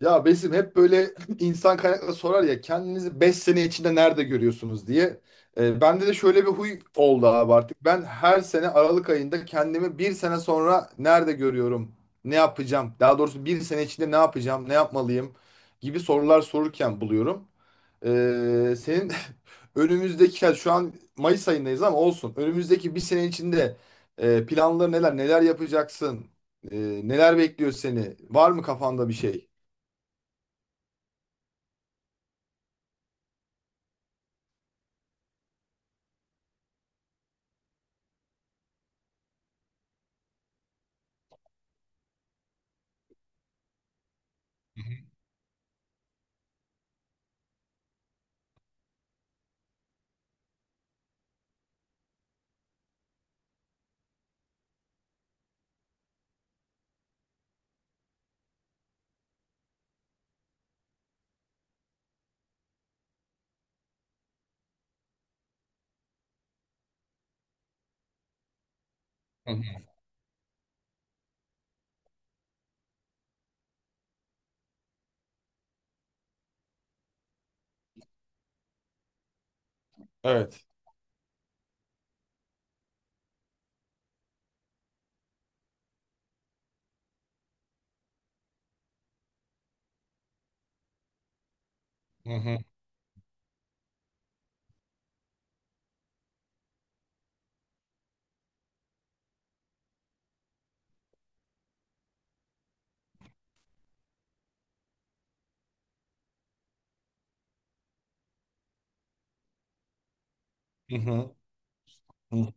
Ya Besim hep böyle insan kaynakları sorar ya kendinizi 5 sene içinde nerede görüyorsunuz diye. Bende de şöyle bir huy oldu abi artık. Ben her sene Aralık ayında kendimi bir sene sonra nerede görüyorum, ne yapacağım, daha doğrusu bir sene içinde ne yapacağım, ne yapmalıyım gibi sorular sorurken buluyorum. Senin önümüzdeki, yani şu an Mayıs ayındayız ama olsun. Önümüzdeki bir sene içinde planları neler, neler yapacaksın, e, neler bekliyor seni, var mı kafanda bir şey? Hı hı. Evet. Hı hı. Hı hı. Hı.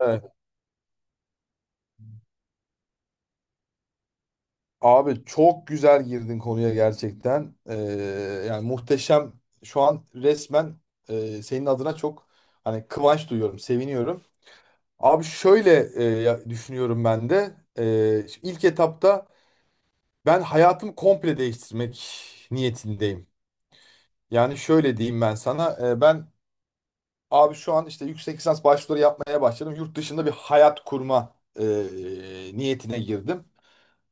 Evet. Abi çok güzel girdin konuya gerçekten. Yani muhteşem. Şu an resmen senin adına çok hani kıvanç duyuyorum, seviniyorum. Abi şöyle düşünüyorum ben de. Şimdi ilk etapta ben hayatımı komple değiştirmek niyetindeyim. Yani şöyle diyeyim ben sana. Ben abi şu an işte yüksek lisans başvuruları yapmaya başladım. Yurt dışında bir hayat kurma niyetine girdim.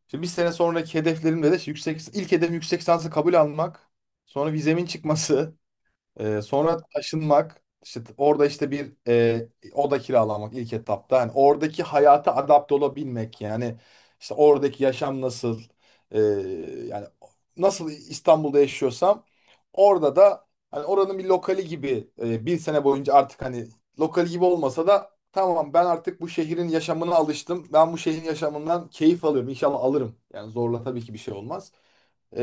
Şimdi bir sene sonraki hedeflerimde de yüksek ilk hedefim yüksek lisansı kabul almak. Sonra vizemin çıkması. Sonra taşınmak, işte orada işte bir oda kiralamak ilk etapta. Yani oradaki hayata adapte olabilmek yani işte oradaki yaşam nasıl e, yani nasıl İstanbul'da yaşıyorsam orada da hani oranın bir lokali gibi bir sene boyunca artık hani lokali gibi olmasa da tamam ben artık bu şehrin yaşamına alıştım. Ben bu şehrin yaşamından keyif alıyorum. İnşallah alırım. Yani zorla tabii ki bir şey olmaz. Ee,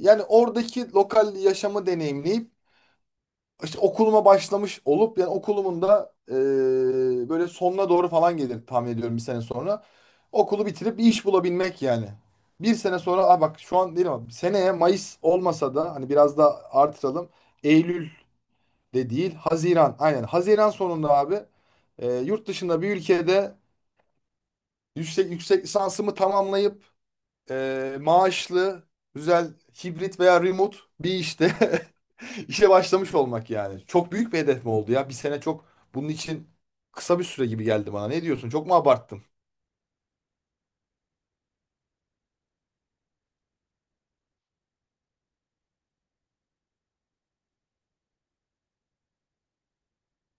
Yani oradaki lokal yaşamı deneyimleyip işte okuluma başlamış olup yani okulumun da böyle sonuna doğru falan gelir tahmin ediyorum bir sene sonra. Okulu bitirip bir iş bulabilmek yani. Bir sene sonra aa bak şu an değil ama seneye Mayıs olmasa da hani biraz da artıralım. Eylül de değil Haziran aynen Haziran sonunda abi yurt dışında bir ülkede yüksek lisansımı tamamlayıp maaşlı, güzel, hibrit veya remote bir işte işe başlamış olmak yani. Çok büyük bir hedef mi oldu ya? Bir sene çok bunun için kısa bir süre gibi geldi bana. Ne diyorsun? Çok mu abarttım?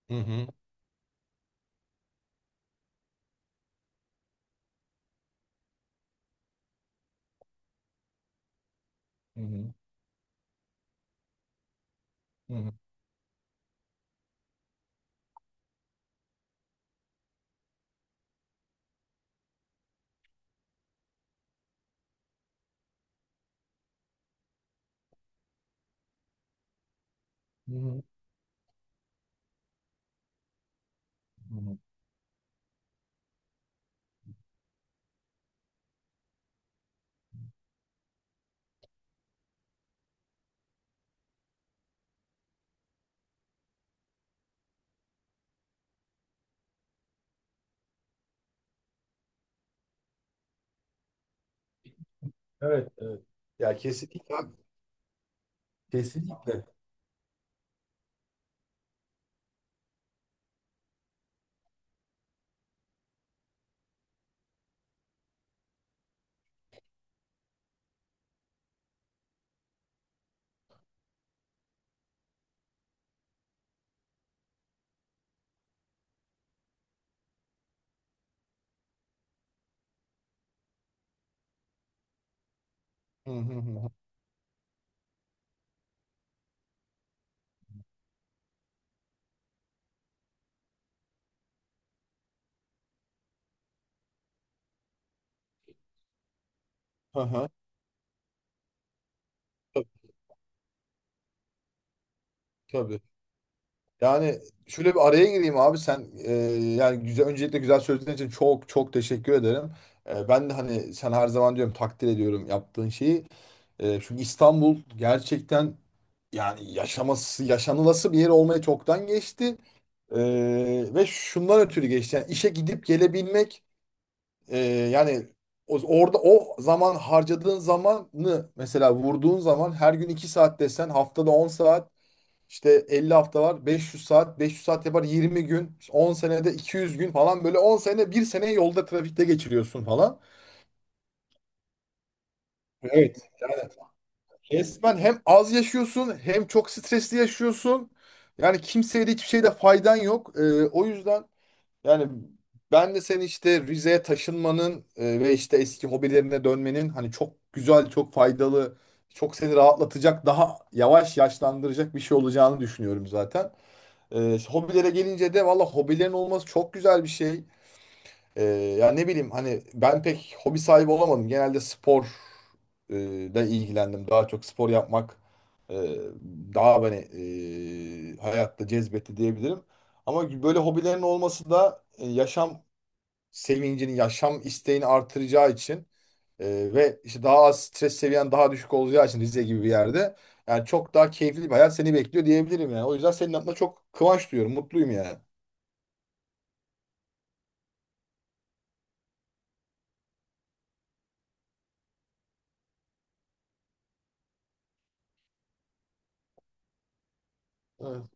Hı hı. Hı hı. Hı hı. Hı hı. Hı hı. Evet, evet. Ya kesinlikle. Kesinlikle. Hı hı. Hı hı. Hı hı. Tabii. Yani şöyle bir araya gireyim abi sen yani güzel öncelikle güzel sözlerin için çok çok teşekkür ederim. Ben de hani sen her zaman diyorum takdir ediyorum yaptığın şeyi. Çünkü İstanbul gerçekten yani yaşaması yaşanılası bir yer olmaya çoktan geçti. E, Ve şundan ötürü geçti. Yani işe gidip gelebilmek e, yani orada o zaman harcadığın zamanı mesela vurduğun zaman her gün 2 saat desen haftada 10 saat işte 50 hafta var. 500 saat. 500 saat yapar 20 gün. İşte 10 senede 200 gün falan böyle 10 sene bir sene yolda trafikte geçiriyorsun falan. Evet. Yani resmen hem az yaşıyorsun hem çok stresli yaşıyorsun. Yani kimseye de hiçbir şeyde faydan yok. O yüzden yani ben de seni işte Rize'ye taşınmanın ve işte eski hobilerine dönmenin hani çok güzel, çok faydalı, çok seni rahatlatacak, daha yavaş yaşlandıracak bir şey olacağını düşünüyorum zaten. Hobilere gelince de valla hobilerin olması çok güzel bir şey. Ee, Ya ne bileyim hani ben pek hobi sahibi olamadım. Genelde spor e, da ilgilendim. Daha çok spor yapmak e, daha beni hayatta cezbetti diyebilirim. Ama böyle hobilerin olması da yaşam sevincini, yaşam isteğini artıracağı için ve işte daha az stres seviyen daha düşük olacağı için Rize gibi bir yerde yani çok daha keyifli bir hayat seni bekliyor diyebilirim yani. O yüzden senin adına çok kıvanç duyuyorum, mutluyum yani. Evet.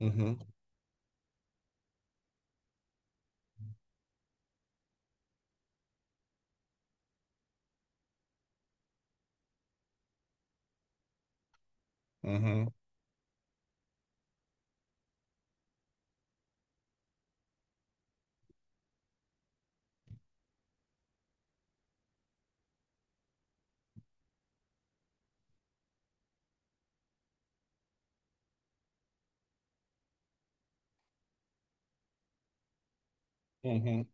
Hı hı, hı hı, hı hı.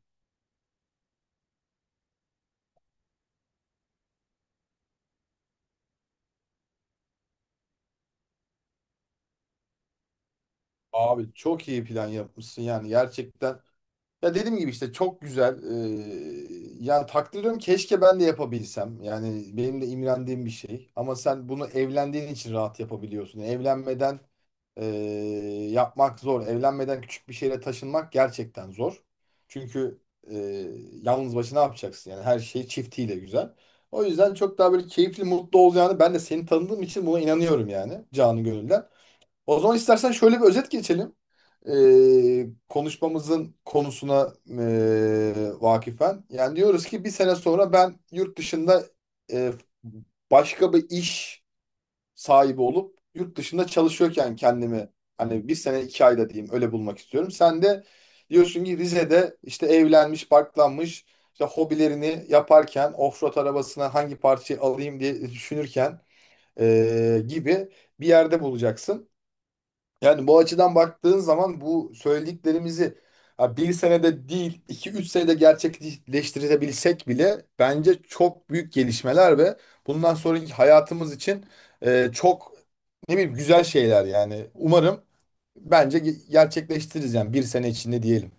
Abi çok iyi plan yapmışsın yani gerçekten. Ya dediğim gibi işte çok güzel. Yani takdir ediyorum keşke ben de yapabilsem. Yani benim de imrendiğim bir şey. Ama sen bunu evlendiğin için rahat yapabiliyorsun. Evlenmeden yapmak zor. Evlenmeden küçük bir şehre taşınmak gerçekten zor. Çünkü eee, yalnız başına ne yapacaksın? Yani her şey çiftiyle güzel. O yüzden çok daha böyle keyifli, mutlu olacağını ben de seni tanıdığım için buna inanıyorum yani canı gönülden. O zaman istersen şöyle bir özet geçelim. Konuşmamızın konusuna vakifen. Yani diyoruz ki bir sene sonra ben yurt dışında ee, başka bir iş sahibi olup yurt dışında çalışıyorken kendimi hani bir sene 2 ayda diyeyim öyle bulmak istiyorum. Sen de diyorsun ki Rize'de işte evlenmiş, barklanmış işte hobilerini yaparken offroad arabasına hangi parçayı alayım diye düşünürken gibi bir yerde bulacaksın. Yani bu açıdan baktığın zaman bu söylediklerimizi ha, bir senede değil 2-3 senede gerçekleştirebilsek bile bence çok büyük gelişmeler ve bundan sonraki hayatımız için çok ne bileyim güzel şeyler yani. Umarım bence gerçekleştiririz yani bir sene içinde diyelim.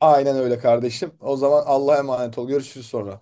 Aynen öyle kardeşim. O zaman Allah'a emanet ol. Görüşürüz sonra.